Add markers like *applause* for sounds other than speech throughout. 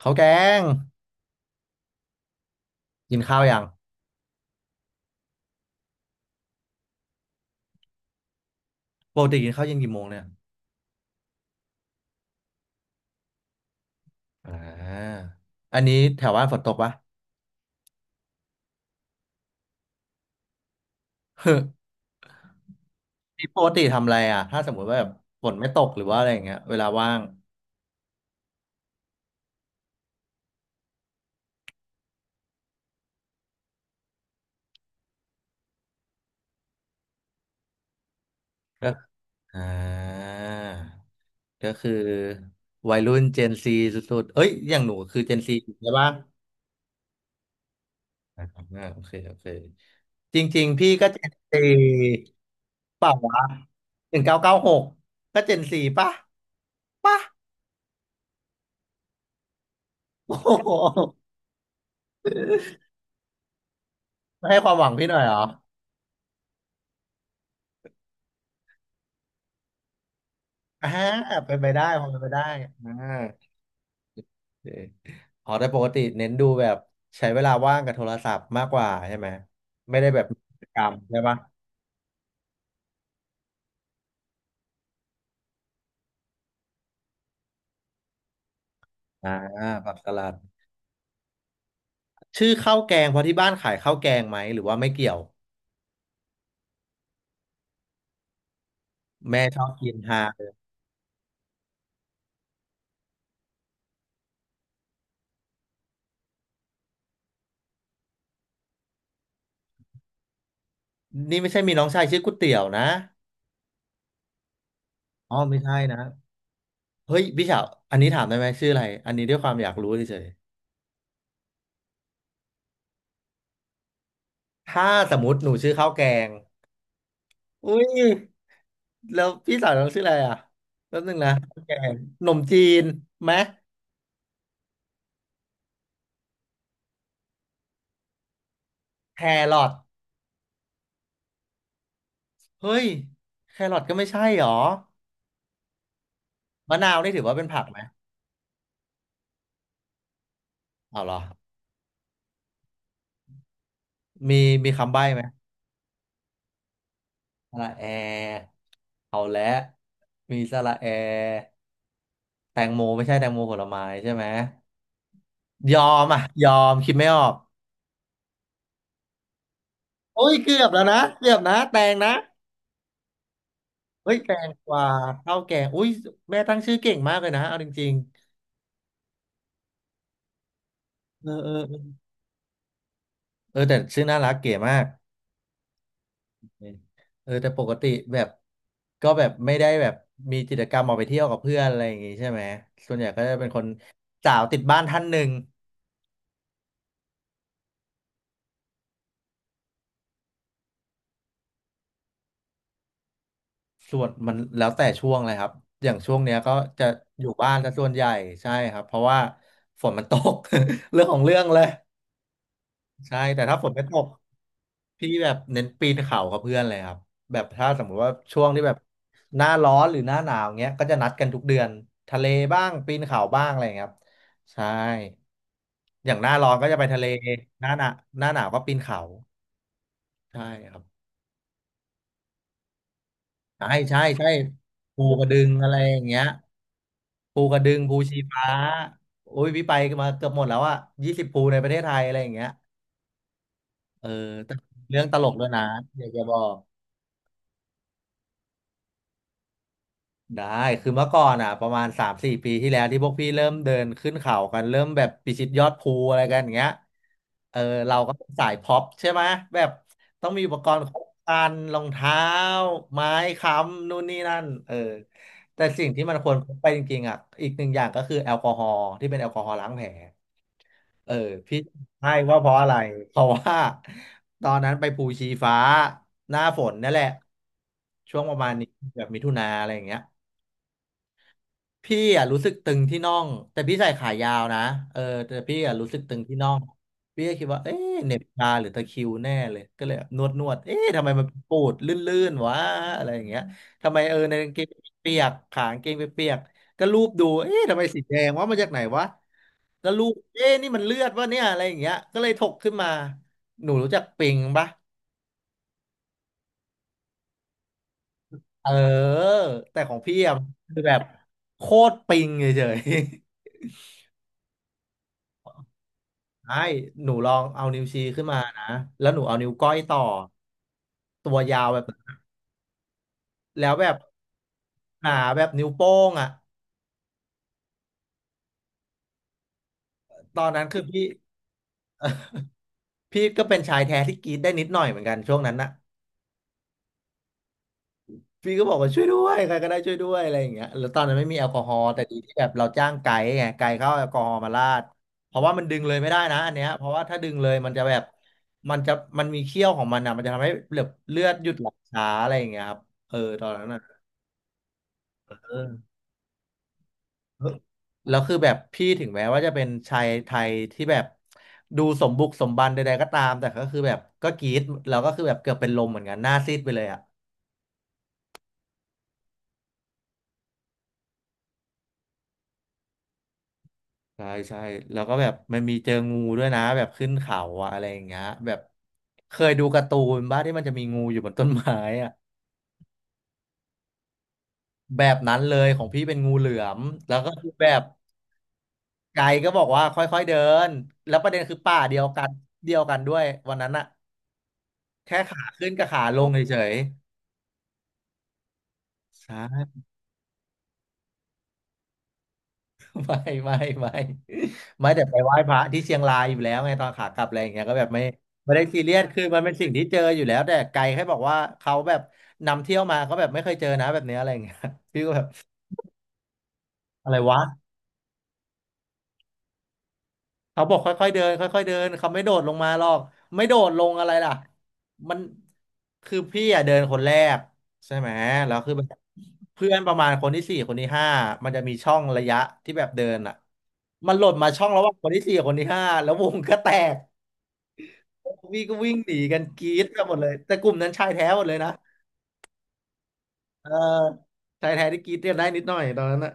ข้าวแกงกินข้าวยังปกติกินข้าวเย็นกี่โมงเนี่ยอ่าอันนี้แถวบ้านฝนตกปะ *laughs* นี่ปกติทำอะไรอ่ะถ้าสมมติว่าแบบฝนไม่ตกหรือว่าอะไรอย่างเงี้ยเวลาว่างก็อ่าก็คือวัยรุ่นเจนซีสุดๆเอ้ยอย่างหนูคือเจนซีใช่ปะอ่าโอเคโอเคจริงๆพี่ก็เจนซีเปล่าวะ1996ก็เจนซีปะปะ *laughs* โอ้โห ไม่ให้ความหวังพี่หน่อยเหรออ่าเป็นไปได้พอเป็นไปได้อ่าโอเคอ๋อแต่ปกติเน้นดูแบบใช้เวลาว่างกับโทรศัพท์มากกว่าใช่ไหมไม่ได้แบบกิจกรรมใช่ปะอ่าผักสลัดชื่อข้าวแกงเพราะที่บ้านขายข้าวแกงไหมหรือว่าไม่เกี่ยวแม่ชอบกินฮานี่ไม่ใช่มีน้องชายชื่อก๋วยเตี๋ยวนะอ๋อไม่ใช่นะเฮ้ยพี่เฉาอันนี้ถามได้ไหมชื่ออะไรอันนี้ด้วยความอยากรู้เฉยๆถ้าสมมติหนูชื่อข้าวแกง อุ้ยแล้วพี่สาวน้องชื่ออะไรอ่ะแป๊บนึงนะแกงขนมจีนไหมแครอทเฮ้ยแครอทก็ไม่ใช่หรอมะนาวนี่ถือว่าเป็นผักไหมเอาเหรอมีมีคำใบ้ไหมสระแอเอาและมีสระแอแตงโมไม่ใช่แตงโมผลไม้ใช่ไหมยอมอ่ะยอมคิดไม่ออกโอ้ยเกือบแล้วนะเกือบนะแตงนะเฮ้ยแตงกวาข้าวแกงอุ้ยแม่ตั้งชื่อเก่งมากเลยนะเอาจริงๆเออเออ เออแต่ชื่อน่ารักเก๋มากเออแต่ปกติแบบก็แบบไม่ได้แบบมีกิจกรรมออกไปเที่ยวกับเพื่อนอะไรอย่างงี้ใช่ไหมส่วนใหญ่ก็จะเป็นคนสาวติดบ้านท่านหนึ่งส่วนมันแล้วแต่ช่วงเลยครับ อย่างช่วงเนี้ยก็จะอยู่บ้านซะส่วนใหญ่ใช่ครับเพราะว่าฝนมันตก *laughs* เรื่องของเรื่องเลย ใช่แต่ถ้าฝนไม่ตกพี่แบบเน้นปีนเขากับเพื่อนเลยครับแบบถ้าสมมุติว่าช่วงที่แบบหน้าร้อนหรือหน้าหนาวเงี้ยก็จะนัดกันทุกเดือนทะเลบ้างปีนเขาบ้างอะไร่าเงี้ยครับใช่อย่างหน้าร้อนก็จะไปทะเลหน้าหนาหน้าหนาวก็ปีนเขาใช่ครับใช่ใช่ใช่ภูกระดึงอะไรอย่างเงี้ยภูกระดึงภูชีฟ้าโอ้ยพี่ไปมาเกือบหมดแล้วอะ20ภูในประเทศไทยอะไรอย่างเงี้ยเออแต่เรื่องตลกด้วยนะอยากจะบอก ได้คือเมื่อก่อนอ่ะประมาณ3-4ปีที่แล้วที่พวกพี่เริ่มเดินขึ้นเขากันเริ่มแบบพิชิตยอดภูอะไรกันอย่างเงี้ยเออเราก็เป็นสายพ็อปใช่ไหมแบบต้องมีอุปกรณ์ครบครันรองเท้าไม้ค้ำนู่นนี่นั่นเออแต่สิ่งที่มันควรพกไปจริงๆอ่ะอีกหนึ่งอย่างก็คือแอลกอฮอล์ที่เป็นแอลกอฮอล์ล้างแผลเออพี่ให้ว่าเพราะอะไรเพราะว่าตอนนั้นไปภูชีฟ้าหน้าฝนนั่นแหละช่วงประมาณนี้แบบมิถุนาอะไรอย่างเงี้ย พี่อ่ะรู้สึกตึงที่น่องแต่พี่ใส่ขายาวนะเออแต่พี่อ่ะรู้สึกตึงที่น่องพี่ก็คิดว่าเอ๊ะเหน็บชาหรือตะคริวแน่เลยก็เลยนวดนวดเอ๊ะทำไมมันปูดลื่นๆวะอะไรอย่างเงี้ยทำไมเออในกางเกงเปียกขากางเกงเปียกก็ลูบดูเอ๊ะทำไมสีแดงวะมาจากไหนวะก็ลูบเอ๊ะนี่มันเลือดวะเนี่ยอะไรอย่างเงี้ยก็เลยถกขึ้นมาหนูรู้จักปิงปะเออแต่ของพี่อ่ะคือแบบโคตรปิงเฉย ใช่หนูลองเอานิ้วชี้ขึ้นมานะแล้วหนูเอานิ้วก้อยต่อตัวยาวแบบนั้นแล้วแบบหนาแบบนิ้วโป้งอ่ะตอนนั้นคือพี่พี่ก็เป็นชายแท้ที่กรีดได้นิดหน่อยเหมือนกันช่วงนั้นนะพี่ก็บอกว่าช่วยด้วยใครก็ได้ช่วยด้วยอะไรอย่างเงี้ยแล้วตอนนั้นไม่มีแอลกอฮอล์แต่ดีที่แบบเราจ้างไกด์ไงไกด์เขาเอาแอลกอฮอล์มาราดเพราะว่ามันดึงเลยไม่ได้นะอันเนี้ยเพราะว่าถ้าดึงเลยมันจะแบบมันจะมันมีเขี้ยวของมันอ่ะมันจะทำให้เลือดหยุดไหลช้าอะไรอย่างเงี้ยครับเออตอนนั้นอ่ะเออ แล้วคือแบบพี่ถึงแม้ว่าจะเป็นชายไทยที่แบบดูสมบุกสมบันใดๆก็ตามแต่ก็คือแบบก็กรี๊ดแล้วก็คือแบบเกือบเป็นลมเหมือนกันหน้าซีดไปเลยอ่ะใช่ใช่แล้วก็แบบมันมีเจองูด้วยนะแบบขึ้นเขาอะอะไรอย่างเงี้ยแบบเคยดูการ์ตูนบ้าที่มันจะมีงูอยู่บนต้นไม้อ่ะแบบนั้นเลยของพี่เป็นงูเหลือมแล้วก็คือแบบไกด์ก็บอกว่าค่อยๆเดินแล้วประเด็นคือป่าเดียวกันเดียวกันด้วยวันนั้นอะแค่ขาขึ้นกับขาลงเฉยๆใช่ ไม่ไม่ไม่แต่ไปไหว้พระที่เชียงรายอยู่แล้วไงตอนขากลับอะไรอย่างเงี้ยก็แบบไม่ไม่ได้ซีเรียสคือมันเป็นสิ่งที่เจออยู่แล้วแต่ไกลแค่บอกว่าเขาแบบนำเที่ยวมาเขาแบบไม่เคยเจอนะแบบเนี้ยอะไรอย่างเงี้ย *laughs* พี่ก็แบบอะไรวะเขาบอกค่อยๆเดินค่อยๆเดินเขาไม่โดดลงมาหรอกไม่โดดลงอะไรล่ะมันคือพี่อ่ะเดินคนแรกใช่ไหมแล้วคือแบบเพื่อนประมาณคนที่สี่คนที่ห้ามันจะมีช่องระยะที่แบบเดินอ่ะมันหล่นมาช่องระหว่างคนที่สี่กับคนที่ห้าแล้ววงก็แตก พี่ก็วิ่งหนีกันกรี๊ดกันหมดเลยแต่กลุ่มนั้นชายแท้หมดเลยนะเออชายแท้ที่กรี๊ดกันได้นิดหน่อยตอนนั้นอะ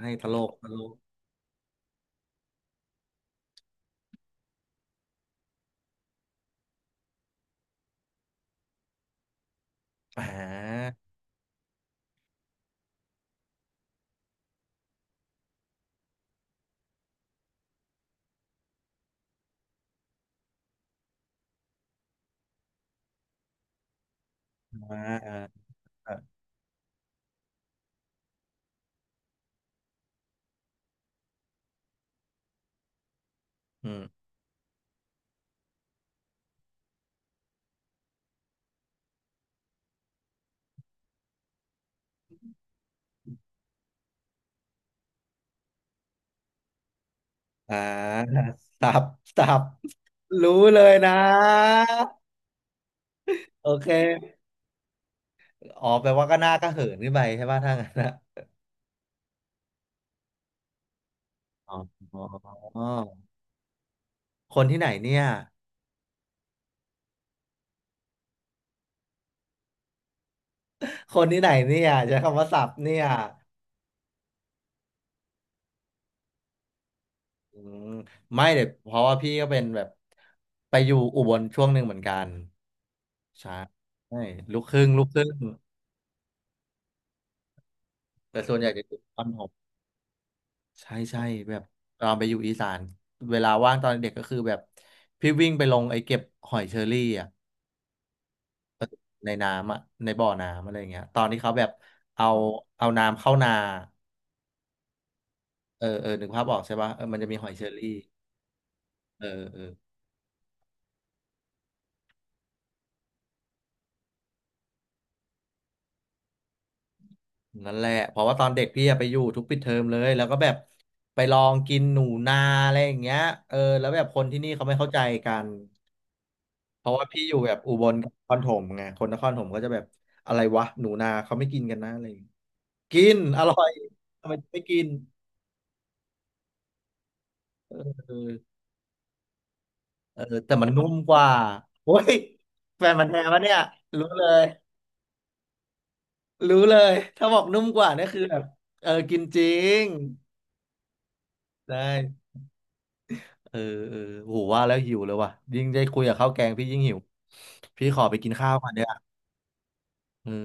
ให้ตลกตลกอ่าอ่าอ่าอ่าอืมอ่าสับสับรู้เลยนะโอเคอ๋อแปลว่าก็หน้าก็เหินขึ้นไปใช่ป่ะถ้างั้นนะอ๋ออ๋อคนที่ไหนเนี่ยคนที่ไหนเนี่ยใช้คำว่าสับเนี่ยอืมไม่เดี๋ยวเพราะว่าพี่ก็เป็นแบบไปอยู่อุบลช่วงหนึ่งเหมือนกัน ใช่ใช่ลูกครึ่งลูกครึ่งแต่ส่วนใหญ่จะติดตอนหกใช่ใช่แบบตอนไปอยู่อีสานเวลาว่างตอนเด็กก็คือแบบพี่วิ่งไปลงไอ้เก็บหอยเชอรี่อ่ะในน้ำอ่ะในบ่อน้ำอะไรอย่างเงี้ยตอนที่เขาแบบเอาเอาน้ำเข้านาเออเออนึกภาพออกใช่ป่ะเออมันจะมีหอยเชอรี่เออเออนั่นแหละเพราะว่าตอนเด็กพี่อะไปอยู่ทุกปิดเทอมเลยแล้วก็แบบไปลองกินหนูนาอะไรอย่างเงี้ยเออแล้วแบบคนที่นี่เขาไม่เข้าใจกัน เพราะว่าพี่อยู่แบบอุบลกับนครปฐมไงคนนครปฐมก็จะแบบอะไรวะหนูนาเขาไม่กินกันนะอะไรอย่างงี้กินอร่อยทำไมไม่กินเออเออแต่มันนุ่มกว่าโอ้ยแฟนมันธุ์แท้ปะเนี่ยรู้เลยรู้เลยถ้าบอกนุ่มกว่านี่คือแบบเออกินจริงได้เออเออโหว่าแล้วหิวเลยว่ะยิ่งได้คุยกับข้าวแกงพี่ยิ่งหิวพี่ขอไปกินข้าวก่อนเดี๋ยวอ่ะเออ